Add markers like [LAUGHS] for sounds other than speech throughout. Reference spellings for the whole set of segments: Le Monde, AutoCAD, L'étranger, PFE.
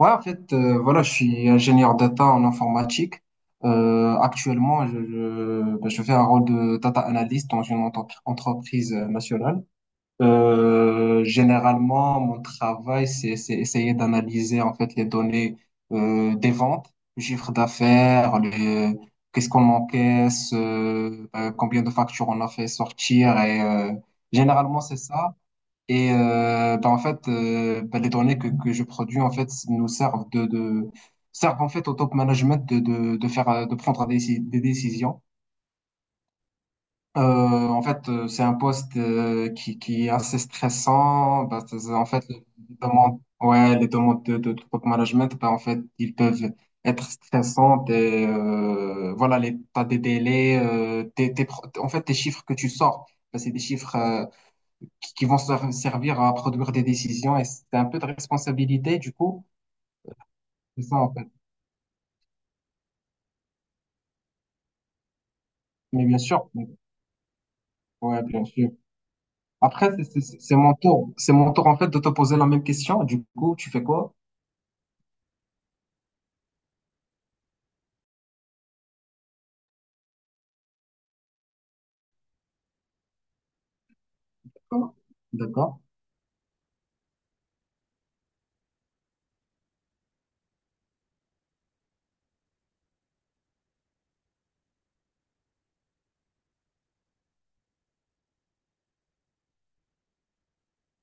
Ouais, en fait, voilà, je suis ingénieur data en informatique. Actuellement, ben, je fais un rôle de data analyst dans une entreprise nationale. Généralement, mon travail, c'est essayer d'analyser en fait les données des ventes, le chiffre d'affaires, les, qu'est-ce qu'on encaisse, combien de factures on a fait sortir. Et généralement, c'est ça. Et bah, en fait, bah, les données que je produis en fait nous servent de servent en fait au top management de faire de prendre des décisions. En fait, c'est un poste qui est assez stressant. Bah, en fait, les demandes, ouais, les demandes de top management, bah, en fait, ils peuvent être stressantes. Et, voilà, les, t'as des délais, en fait, tes chiffres que tu sors, bah, c'est des chiffres qui vont servir à produire des décisions. Et c'est un peu de responsabilité, du coup c'est ça en fait. Mais bien sûr, ouais, bien sûr. Après c'est mon tour, en fait, de te poser la même question. Du coup, tu fais quoi? D'accord.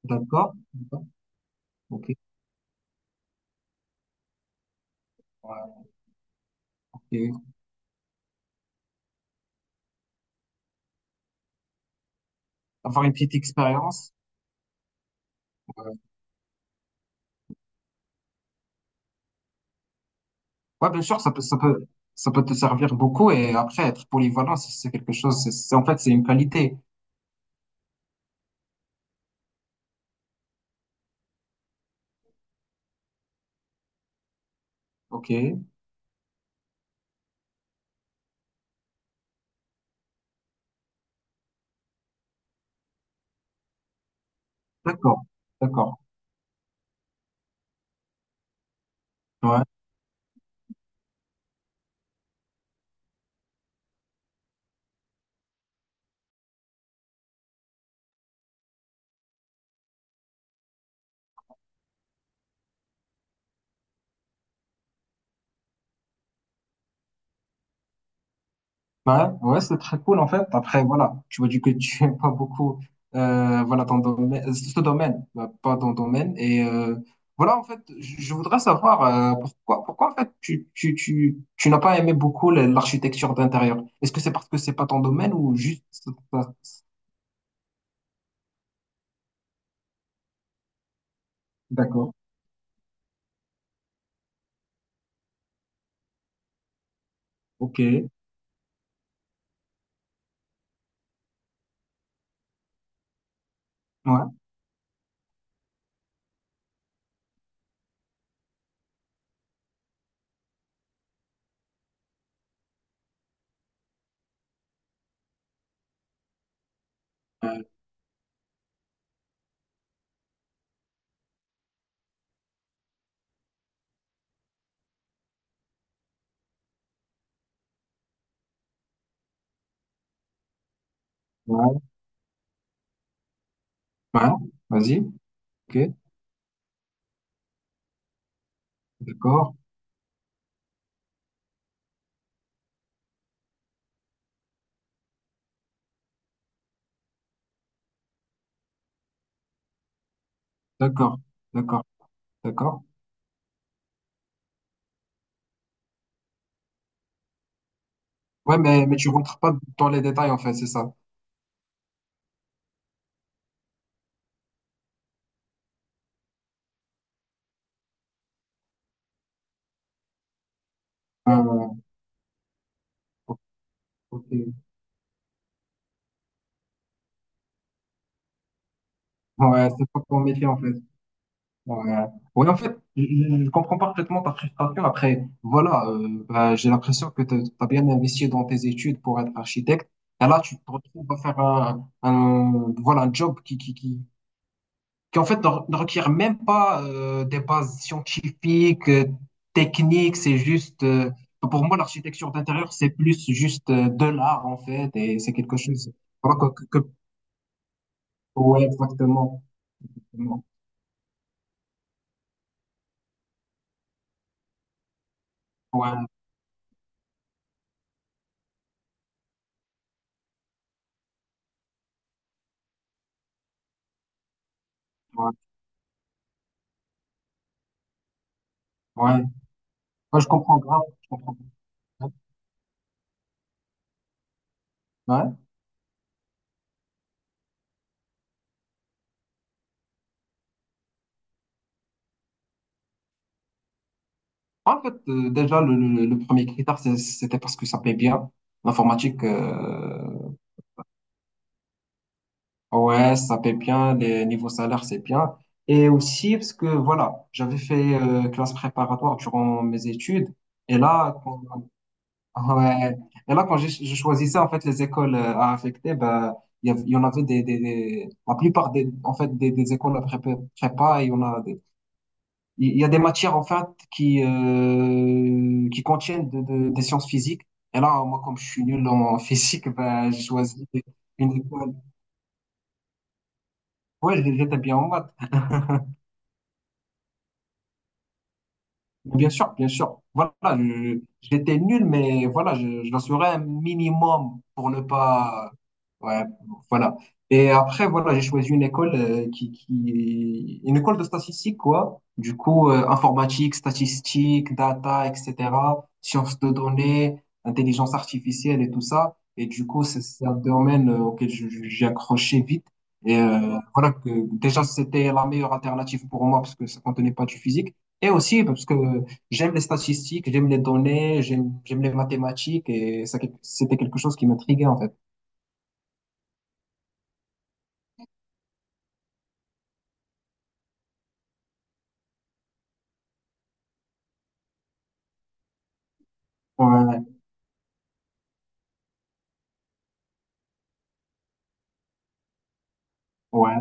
D'accord. D'accord. Ok. Ouais, ok. Avoir une petite expérience. Ouais. Ouais, bien sûr, ça peut te servir beaucoup. Et après, être polyvalent, c'est quelque chose, en fait c'est une qualité. Ok, d'accord, d'accord. Ouais, bah, ouais, ouais, c'est très cool en fait. Après, voilà, tu m'as dit que [LAUGHS] tu aimes pas beaucoup, voilà, ton domaine, ce domaine, bah, pas ton domaine. Et voilà, en fait, je voudrais savoir pourquoi, pourquoi en fait tu n'as pas aimé beaucoup l'architecture d'intérieur. Est-ce que c'est parce que c'est pas ton domaine, ou juste ça- D'accord, ok, ouais, euh, ouais, ouais, vas-y, ok, d'accord, d'accord, d'accord, d'accord. Ouais, mais tu rentres pas dans les détails en fait, c'est ça. Ah, ouais, ok. Ok. Ouais, c'est pas pour métier en fait. Ouais. Ouais, en fait, je comprends parfaitement ta frustration. Après, voilà, bah, j'ai l'impression que tu as bien investi dans tes études pour être architecte. Et là, tu te retrouves à faire voilà, un job qui, en fait, ne requiert même pas des bases scientifiques, techniques. C'est juste, pour moi, l'architecture d'intérieur, c'est plus juste de l'art, en fait. Et c'est quelque chose, voilà, ouais, exactement. Ouais, ouais, ouais. Ouais, je comprends grave. Je comprends grave. Ouais. En fait, déjà, le premier critère, c'était parce que ça paye bien. L'informatique, ouais, ça paye bien. Les niveaux salaires, c'est bien. Et aussi parce que, voilà, j'avais fait classe préparatoire durant mes études. Et là, quand, [LAUGHS] ouais. Et là, quand je choisissais, en fait, les écoles à affecter, ben, il y en avait la plupart des, en fait, des écoles à prépa, prépa, il y en a des il y a des matières en fait qui contiennent des sciences physiques. Et là, moi, comme je suis nul en physique, ben, j'ai choisi une école. Ouais, j'étais bien en maths. Bien sûr, bien sûr. Voilà, j'étais nul, mais voilà, je l'assurais un minimum pour ne pas. Ouais, voilà. Et après, voilà, j'ai choisi une école une école de statistique, quoi. Du coup, informatique, statistique, data, etc., sciences de données, intelligence artificielle et tout ça. Et du coup, c'est un domaine auquel j'ai accroché vite. Et voilà que déjà, c'était la meilleure alternative pour moi parce que ça contenait pas du physique. Et aussi parce que j'aime les statistiques, j'aime les données, j'aime les mathématiques. Et c'était quelque chose qui m'intriguait en fait. Ouais, ouais,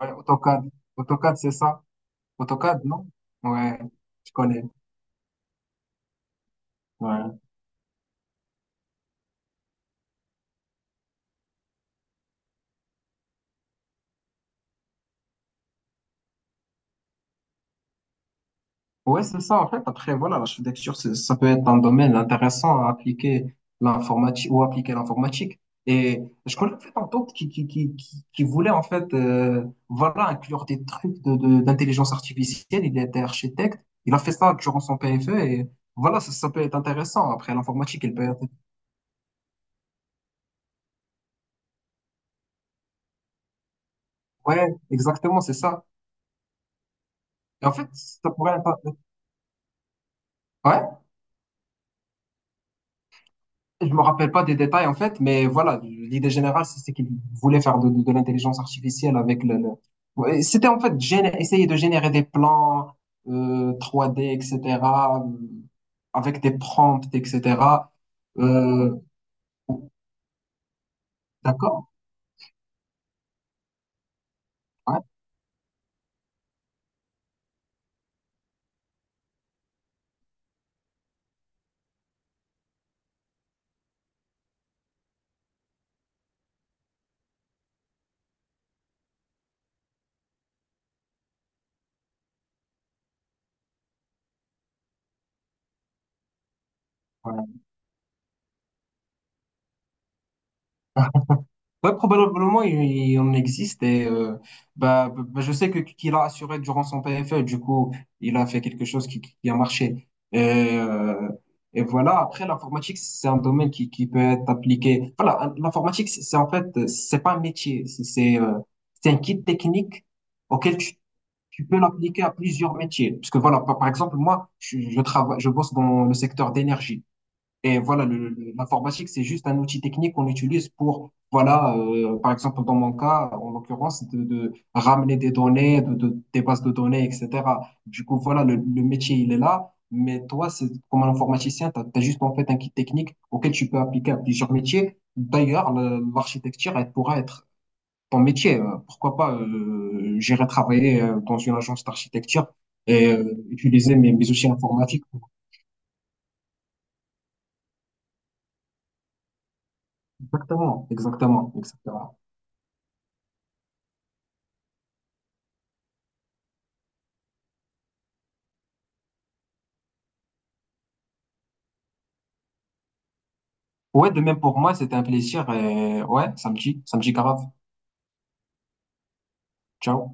ouais, AutoCAD, AutoCAD c'est ça, AutoCAD non? Ouais, je connais. Ouais. Ouais, c'est ça, en fait. Après, voilà, l'architecture, ça peut être un domaine intéressant à appliquer l'informatique, ou appliquer l'informatique. Et je connais en fait un tante qui voulait, en fait, voilà, inclure des trucs d'intelligence artificielle. Il était architecte. Il a fait ça durant son PFE. Et voilà, ça peut être intéressant. Après, l'informatique, elle peut être... Ouais, exactement, c'est ça. Et en fait, ça pourrait être... Ouais? Je me rappelle pas des détails en fait, mais voilà, l'idée générale, c'est qu'ils voulaient faire de l'intelligence artificielle avec le Ouais, c'était en fait essayer de générer des plans 3D, etc., euh, avec des prompts, etc. Euh, d'accord? Ouais. Ouais. Ouais, probablement il en existe. Et je sais que qu'il a assuré durant son PFL, du coup il a fait quelque chose qui a marché. Et, voilà, après l'informatique c'est un domaine qui peut être appliqué. Voilà, l'informatique c'est en fait c'est pas un métier, c'est un kit technique auquel tu peux l'appliquer à plusieurs métiers. Parce que voilà, par exemple, moi, je bosse dans le secteur d'énergie. Et voilà, l'informatique, c'est juste un outil technique qu'on utilise pour, voilà, par exemple, dans mon cas, en l'occurrence, de ramener des données, des bases de données, etc. Du coup, voilà, le métier, il est là. Mais toi, c'est, comme un informaticien, tu as, juste en fait un kit technique auquel tu peux appliquer à plusieurs métiers. D'ailleurs, l'architecture, elle pourra être ton métier. Pourquoi pas, j'irai travailler dans une agence d'architecture, et utiliser mes outils informatiques. Exactement, exactement, exactement. Ouais, de même pour moi, c'était un plaisir. Et ouais, samedi, samedi grave. Ciao.